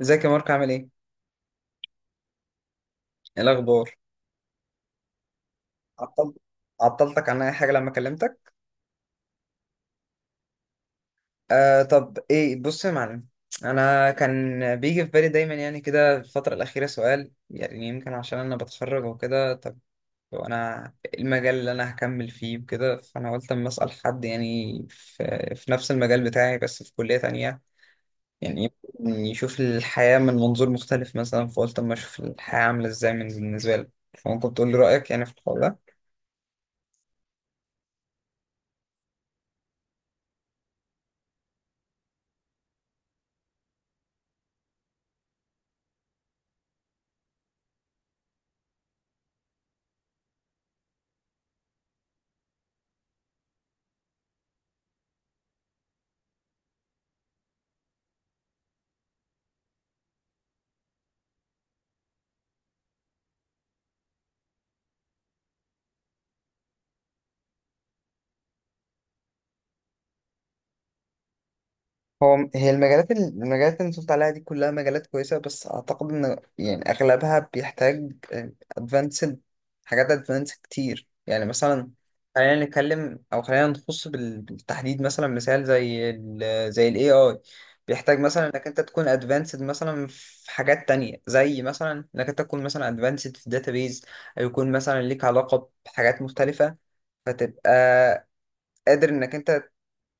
ازيك يا مارك، عامل ايه؟ ايه الاخبار؟ عطل... عطلتك عن اي حاجه لما كلمتك؟ طب ايه، بص يا معلم. انا كان بيجي في بالي دايما يعني كده الفتره الاخيره سؤال، يعني يمكن عشان انا بتخرج وكده. طب وانا إيه المجال اللي انا هكمل فيه وكده؟ فانا قلت اما اسال حد يعني في نفس المجال بتاعي بس في كليه تانية، يعني يمكن يشوف الحياه من منظور مختلف مثلا. فقلت اما اشوف الحياه عامله ازاي من بالنسبه لك، فممكن تقول لي رايك يعني في الحوار ده؟ هو هي المجالات اللي انت قلت عليها دي كلها مجالات كويسة، بس أعتقد إن يعني أغلبها بيحتاج أدفانسد. حاجات أدفانسد كتير، يعني مثلا خلينا نتكلم أو خلينا نخص بالتحديد مثلا، مثال زي زي ال AI بيحتاج مثلا إنك أنت تكون أدفانسد مثلا في حاجات تانية، زي مثلا إنك أنت تكون مثلا أدفانسد في الداتابيز، أو يكون مثلا ليك علاقة بحاجات مختلفة. فتبقى قادر إنك أنت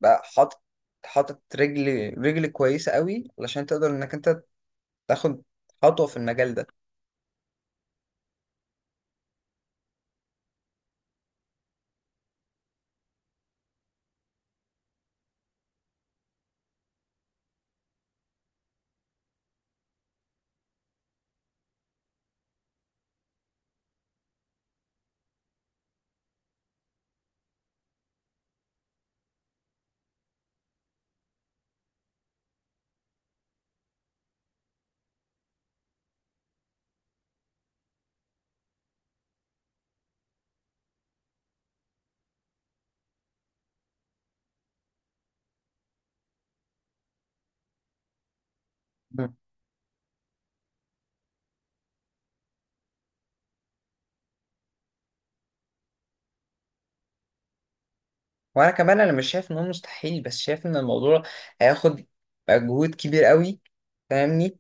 بقى حاطط رجل كويسة قوي علشان تقدر انك انت تاخد خطوة في المجال ده. مم. وانا كمان انا مش شايف ان هو مستحيل، بس شايف ان الموضوع هياخد مجهود كبير قوي. فاهمني؟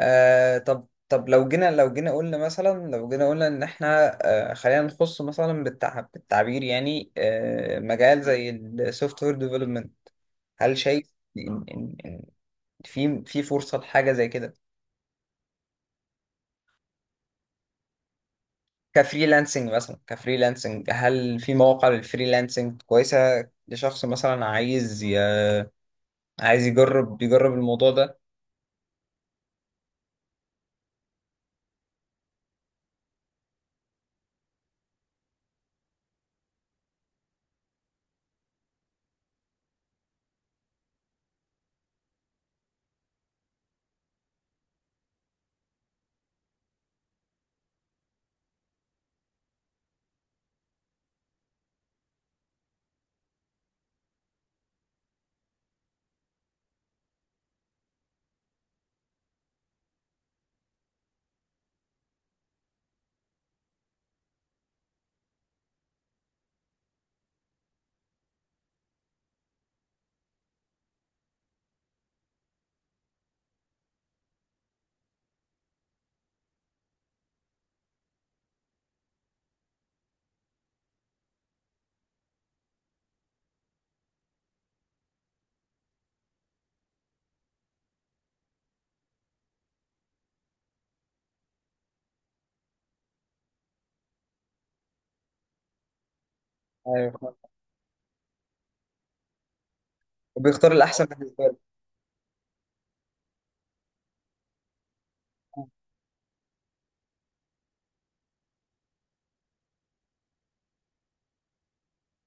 آه طب طب لو جينا لو جينا قلنا مثلا لو جينا قلنا ان احنا خلينا نخص مثلا بالتعبير، يعني مجال زي السوفت وير ديفلوبمنت. هل شايف ان إن في فرصة لحاجة زي كده؟ كفريلانسنج مثلا، كفريلانسنج، هل في مواقع للفريلانسنج كويسة لشخص مثلا عايز يجرب الموضوع ده؟ ايوه فهمت. وبيختار الأحسن بالنسبة له.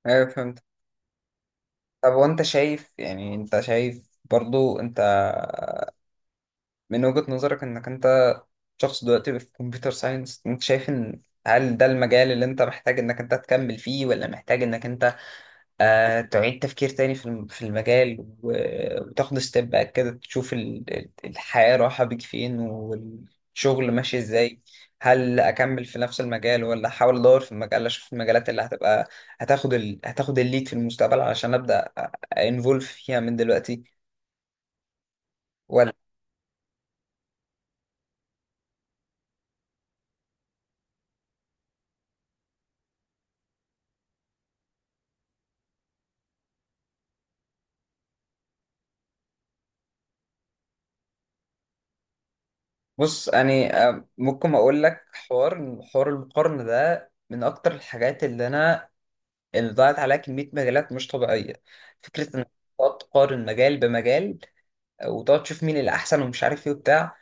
ايوه فهمت. طب وانت شايف، يعني انت شايف برضو انت من وجهة نظرك انك انت شخص دلوقتي في كمبيوتر ساينس، انت شايف ان هل ده المجال اللي انت محتاج انك انت تكمل فيه، ولا محتاج انك انت تعيد تفكير تاني في في المجال، وتاخد ستيب باك كده تشوف الحياة رايحة بيك فين والشغل ماشي ازاي؟ هل اكمل في نفس المجال ولا احاول ادور في المجال، اشوف المجالات اللي هتبقى هتاخد الليد في المستقبل علشان ابدا انفولف فيها من دلوقتي، ولا؟ بص يعني ممكن اقول لك حوار، المقارنة ده من اكتر الحاجات اللي انا، اللي ضاعت عليها كمية مجالات مش طبيعية. فكرة ان تقعد تقارن مجال بمجال، وتقعد تشوف مين اللي احسن ومش عارف ايه وبتاع.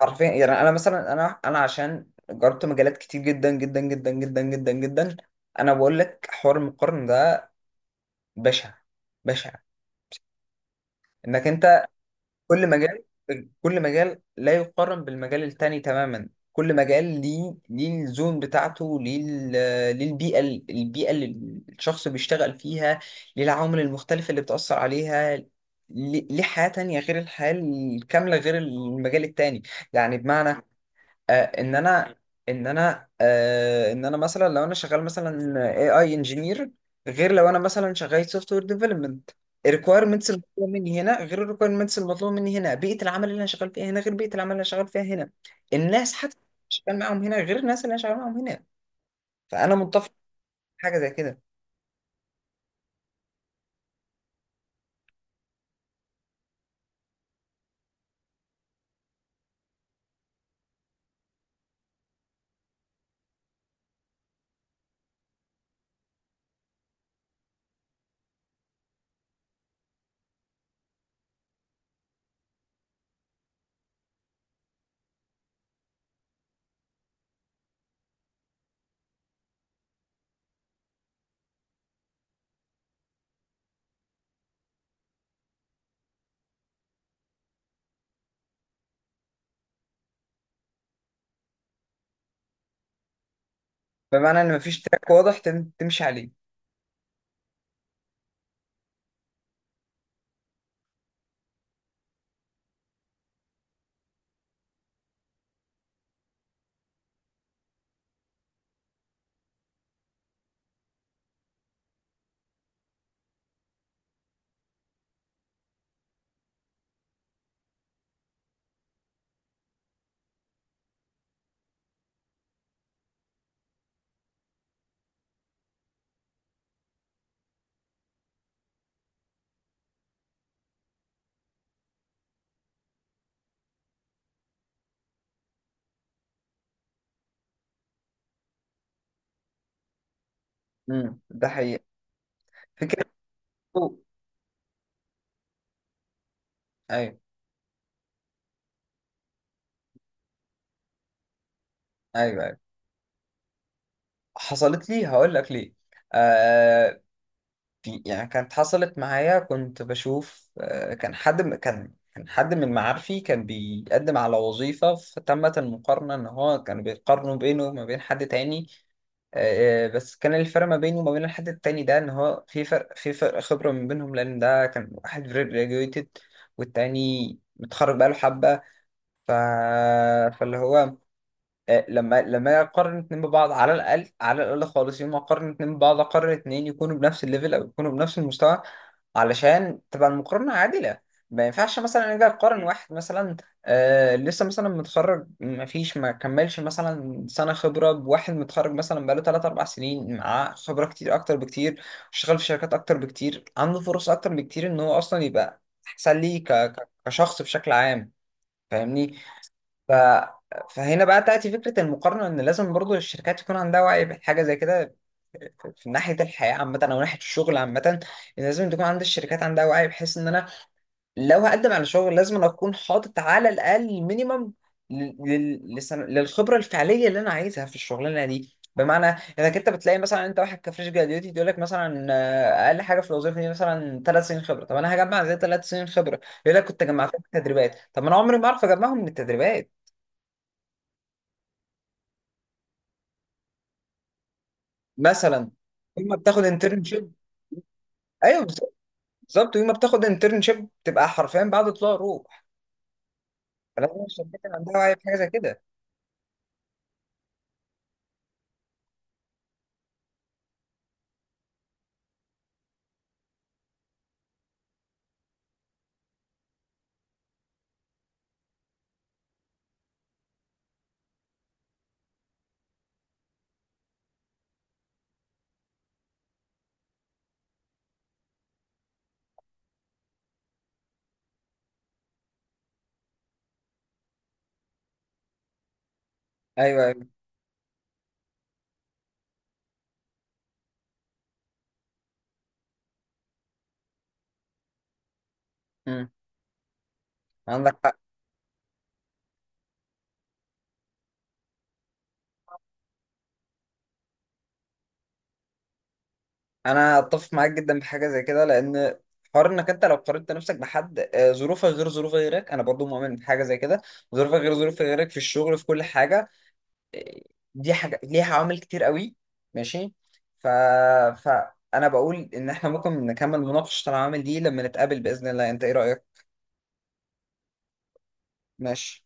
حرفيا يعني، انا مثلا انا عشان جربت مجالات كتير جدا جدا جدا جدا جدا جدا. انا بقول لك حوار المقارنه ده بشع، بشع. انك انت كل مجال، كل مجال لا يقارن بالمجال التاني تماما. كل مجال ليه الزون بتاعته، ليه البيئة اللي الشخص بيشتغل فيها، ليه العوامل المختلفة اللي بتأثر عليها، ليه حياة تانية غير الحياة الكاملة غير المجال التاني. يعني بمعنى آه، ان انا ان انا مثلا لو انا شغال مثلا اي اي انجينير، غير لو انا مثلا شغال سوفت وير ديفلوبمنت. الريكويرمنتس المطلوبه مني هنا غير الريكويرمنتس المطلوبه مني هنا. بيئه العمل اللي انا شغال فيها هنا غير بيئه العمل اللي انا شغال فيها هنا. الناس حتى اللي شغال معاهم هنا غير الناس اللي انا شغال معاهم هنا. فانا متفق مع حاجه زي كده. بمعنى ان مفيش تراك واضح تمشي عليه. ده حقيقي. فكره. ايوه، ايوه. ايوه حصلت لي، هقول لك ليه. آه في يعني، كانت حصلت معايا، كنت بشوف كان حد كان حد من معارفي كان بيقدم على وظيفة، فتمت المقارنة إن هو كانوا بيقارنوا بينه وما بين حد تاني. بس كان الفرق ما بينه وما بين الحد التاني ده إن هو في فرق خبرة من بينهم، لأن ده كان واحد graduated والتاني متخرج بقاله حبة. ف... فاللي هو لما اقارن اتنين ببعض، على الاقل، خالص يوم ما اقارن اتنين ببعض اقارن اتنين يكونوا بنفس الليفل او يكونوا بنفس المستوى، علشان تبقى المقارنه عادله. ما ينفعش مثلا اجي اقارن واحد مثلا لسه مثلا متخرج، ما فيش، ما كملش مثلا سنه خبره، بواحد متخرج مثلا بقاله 3 4 سنين، معاه خبره كتير، اكتر بكتير، اشتغل في شركات اكتر بكتير، عنده فرص اكتر بكتير ان هو اصلا يبقى احسن لي كشخص بشكل عام. فاهمني؟ ف... فهنا بقى تأتي فكرة المقارنة، إن لازم برضو الشركات يكون عندها وعي بحاجة زي كده، في ناحية الحياة عامة أو ناحية الشغل عامة. إن لازم تكون عند الشركات عندها وعي، بحيث إن أنا لو هقدم على شغل لازم أنا أكون حاطط على الأقل مينيمم للخبرة الفعلية اللي أنا عايزها في الشغلانة دي. بمعنى إنك أنت بتلاقي مثلا أنت واحد كفريش جراديوتي، يقول لك مثلا أقل حاجة في الوظيفة دي مثلا 3 سنين خبرة. طب أنا هجمع زي 3 سنين خبرة؟ يقول لك كنت جمعتها من التدريبات. طب ما أنا عمري ما أعرف أجمعهم من التدريبات مثلا. يوم ما بتاخد انترنشيب. ايوه بالظبط. بالظبط، يوم ما بتاخد انترنشيب تبقى حرفيا بعد طلوع روح. فلازم الشركات اللي عندها وعي في حاجه زي كده. ايوه، ايوه. امم. عندك حق. انا اتفق معاك جدا في حاجه زي كده، لان حوار انك انت لو قارنت نفسك بحد، ظروفك غير ظروف غيرك، انا برضو مؤمن بحاجه زي كده. ظروفك غير ظروف غيرك في الشغل، في كل حاجه. آه، دي حاجه ليها عوامل كتير قوي. ماشي. ف فانا بقول ان احنا ممكن نكمل مناقشه العوامل دي لما نتقابل باذن الله، انت ايه رايك؟ ماشي.